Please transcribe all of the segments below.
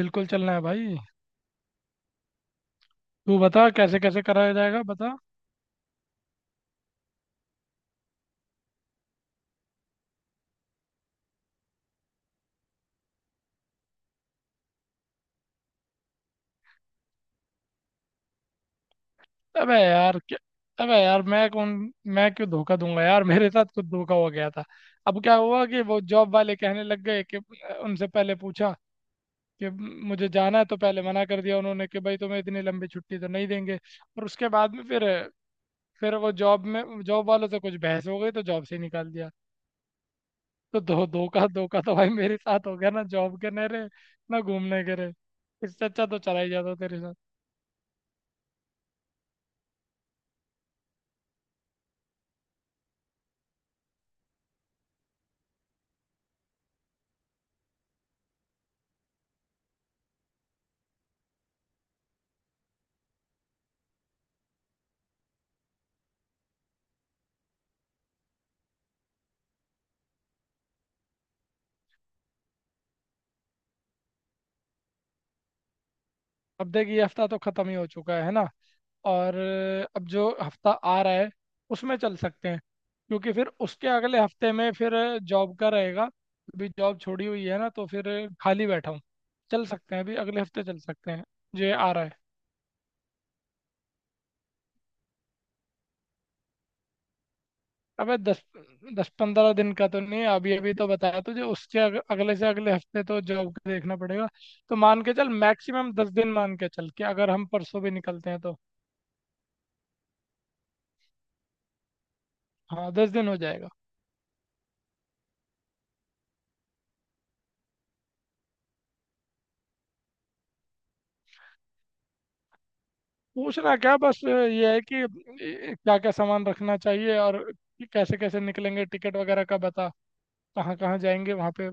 बिल्कुल चलना है भाई। तू बता कैसे कैसे कराया जाएगा बता। अबे यार क्या। अबे यार मैं कौन, मैं क्यों धोखा दूंगा यार मेरे साथ खुद धोखा हो गया था। अब क्या हुआ कि वो जॉब वाले कहने लग गए कि, उनसे पहले पूछा कि मुझे जाना है, तो पहले मना कर दिया उन्होंने कि भाई तुम्हें इतनी लंबी छुट्टी तो नहीं देंगे। और उसके बाद में फिर वो जॉब में जॉब वालों से कुछ बहस हो गई तो जॉब से ही निकाल दिया। तो धो धोखा धोखा तो भाई मेरे साथ हो गया ना, जॉब के नहरे ना घूमने के रे। इससे अच्छा तो चला ही जाता तेरे साथ। अब देख ये हफ्ता तो खत्म ही हो चुका है ना। और अब जो हफ्ता आ रहा है उसमें चल सकते हैं, क्योंकि फिर उसके अगले हफ्ते में फिर जॉब का रहेगा। अभी जॉब छोड़ी हुई है ना, तो फिर खाली बैठा हूँ। चल सकते हैं, अभी अगले हफ्ते चल सकते हैं जो ये आ रहा है। अबे दस, दस पंद्रह दिन का तो नहीं, अभी अभी तो बताया तुझे, उसके अगले से अगले हफ्ते तो जॉब का देखना पड़ेगा। तो मान के चल मैक्सिमम दस दिन मान के चल, कि अगर हम परसों भी निकलते हैं तो। हाँ दस दिन हो जाएगा। पूछना क्या बस ये है कि क्या क्या सामान रखना चाहिए, और कैसे कैसे निकलेंगे टिकट वगैरह का बता। कहाँ कहाँ जाएंगे वहाँ पे।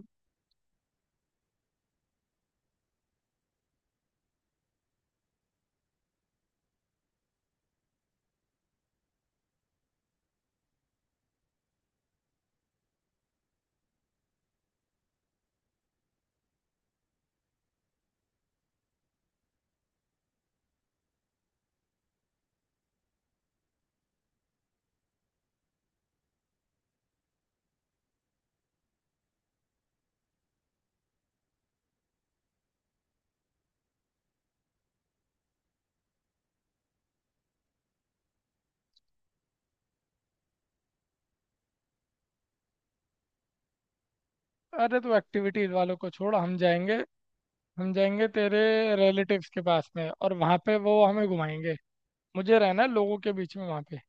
अरे तो एक्टिविटीज वालों को छोड़, हम जाएंगे तेरे रिलेटिव्स के पास में, और वहाँ पे वो हमें घुमाएंगे। मुझे रहना है लोगों के बीच में वहाँ पे।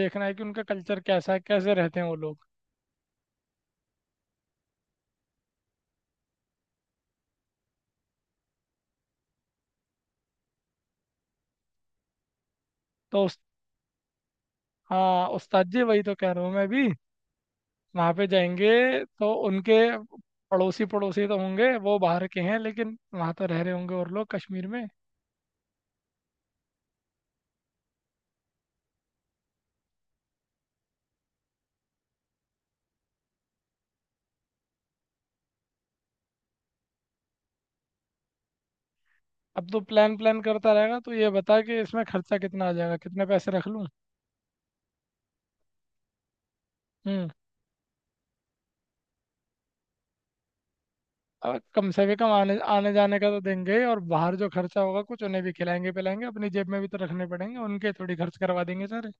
देखना है कि उनका कल्चर कैसा है, कैसे रहते हैं वो लोग। तो उस हाँ उस्ताद जी, वही तो कह रहा हूँ मैं भी। वहाँ पे जाएंगे तो उनके पड़ोसी पड़ोसी तो होंगे, वो बाहर के हैं लेकिन वहाँ तो रह रहे होंगे, और लोग कश्मीर में। अब तो प्लान प्लान करता रहेगा। तो ये बता कि इसमें खर्चा कितना आ जाएगा, कितने पैसे रख लूँ। हम्म। अब कम से भी कम आने आने जाने का तो देंगे ही, और बाहर जो खर्चा होगा, कुछ उन्हें भी खिलाएंगे पिलाएंगे, अपनी जेब में भी तो रखने पड़ेंगे, उनके थोड़ी खर्च करवा देंगे सारे।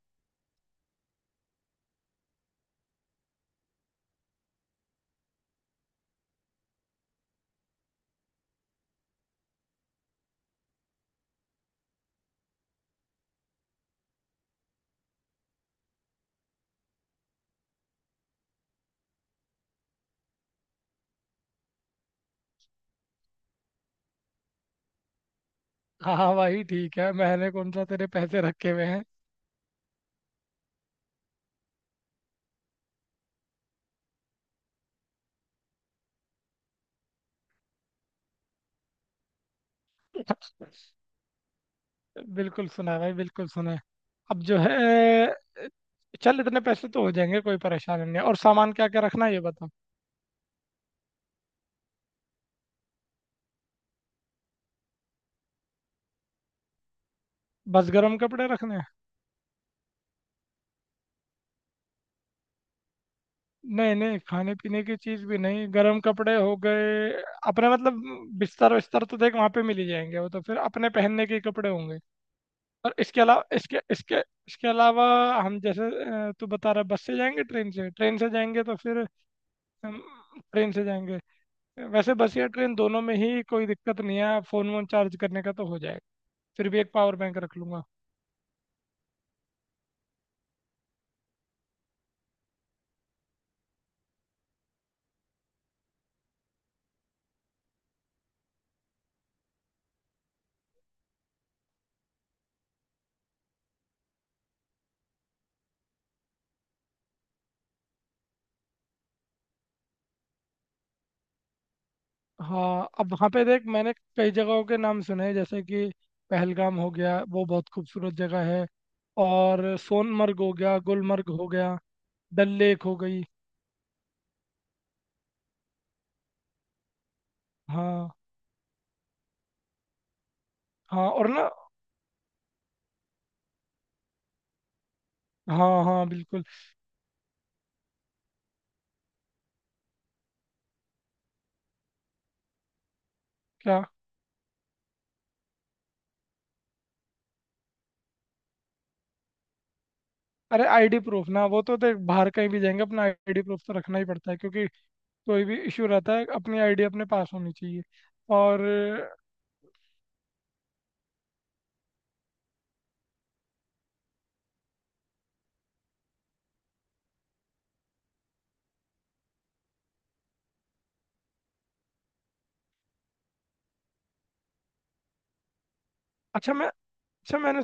हाँ हाँ भाई ठीक है, मैंने कौन सा तेरे पैसे रखे हुए हैं। बिल्कुल सुना है भाई बिल्कुल सुना है। अब जो है, चल इतने पैसे तो हो जाएंगे, कोई परेशानी नहीं है। और सामान क्या क्या रखना है ये बता। बस गर्म कपड़े रखने हैं। नहीं नहीं, खाने पीने की चीज भी नहीं, गर्म कपड़े हो गए। अपने मतलब बिस्तर विस्तर तो देख वहां पे मिल ही जाएंगे, वो तो फिर अपने पहनने के कपड़े होंगे। और इसके अलावा हम जैसे, तू बता रहा बस से जाएंगे ट्रेन से, ट्रेन से जाएंगे तो फिर ट्रेन से जाएंगे। वैसे बस या ट्रेन दोनों में ही कोई दिक्कत नहीं है, फोन वोन चार्ज करने का तो हो जाएगा। फिर भी एक पावर बैंक रख लूंगा। हाँ अब वहाँ पे देख मैंने कई जगहों के नाम सुने हैं, जैसे कि पहलगाम हो गया, वो बहुत खूबसूरत जगह है। और सोनमर्ग हो गया, गुलमर्ग हो गया, डल लेक हो गई। हाँ। हाँ और ना। हाँ हाँ बिल्कुल। क्या। अरे आईडी प्रूफ ना, वो तो देख बाहर कहीं भी जाएंगे अपना आईडी प्रूफ तो रखना ही पड़ता है, क्योंकि कोई भी इशू रहता है, अपनी आईडी अपने पास होनी चाहिए। और अच्छा मैं अच्छा मैंने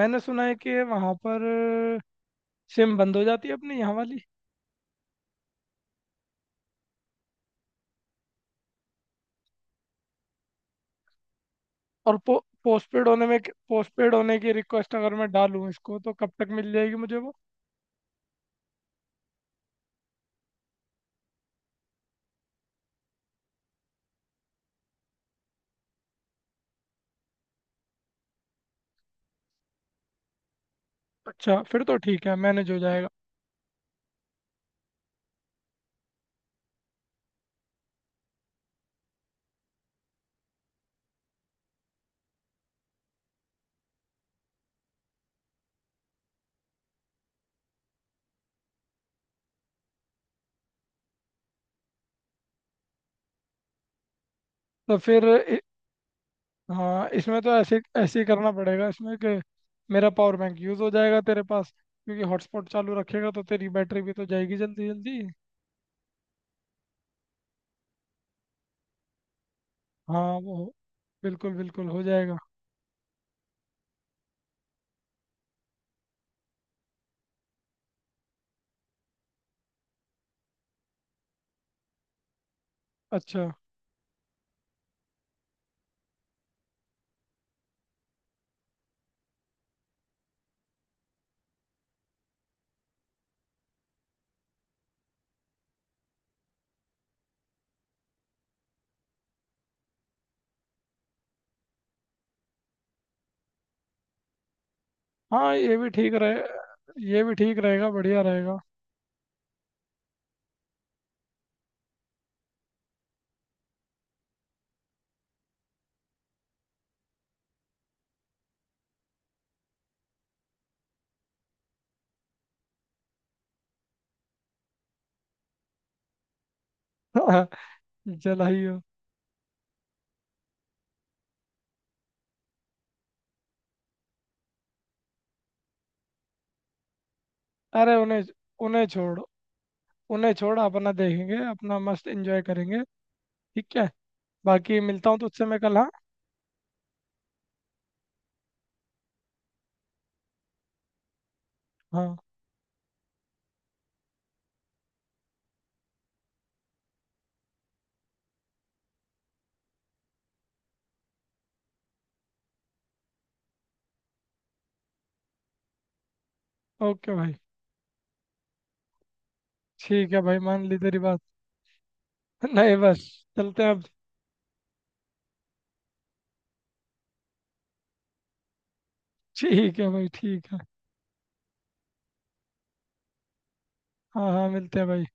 मैंने सुना है कि वहाँ पर सिम बंद हो जाती है अपनी यहाँ वाली। और पो, पोस्टपेड होने में पोस्टपेड होने की रिक्वेस्ट अगर मैं डालूं इसको, तो कब तक मिल जाएगी मुझे वो। अच्छा फिर तो ठीक है, मैनेज हो जाएगा। तो फिर इ, हाँ इसमें तो ऐसे ऐसे ही करना पड़ेगा इसमें, कि मेरा पावर बैंक यूज़ हो जाएगा तेरे पास, क्योंकि हॉटस्पॉट चालू रखेगा तो तेरी बैटरी भी तो जाएगी जल्दी जल्दी। हाँ वो बिल्कुल बिल्कुल हो जाएगा। अच्छा हाँ ये भी ठीक रहे, ये भी ठीक रहेगा, बढ़िया रहेगा। जलाइयो। अरे उन्हें उन्हें छोड़ उन्हें छोड़ अपना देखेंगे, अपना मस्त एंजॉय करेंगे। ठीक है, बाकी मिलता हूँ तुझसे मैं कल, हाँ। हाँ ओके भाई। ठीक है भाई मान ली तेरी बात। नहीं बस चलते हैं अब। ठीक है भाई ठीक है। हाँ हाँ मिलते हैं भाई।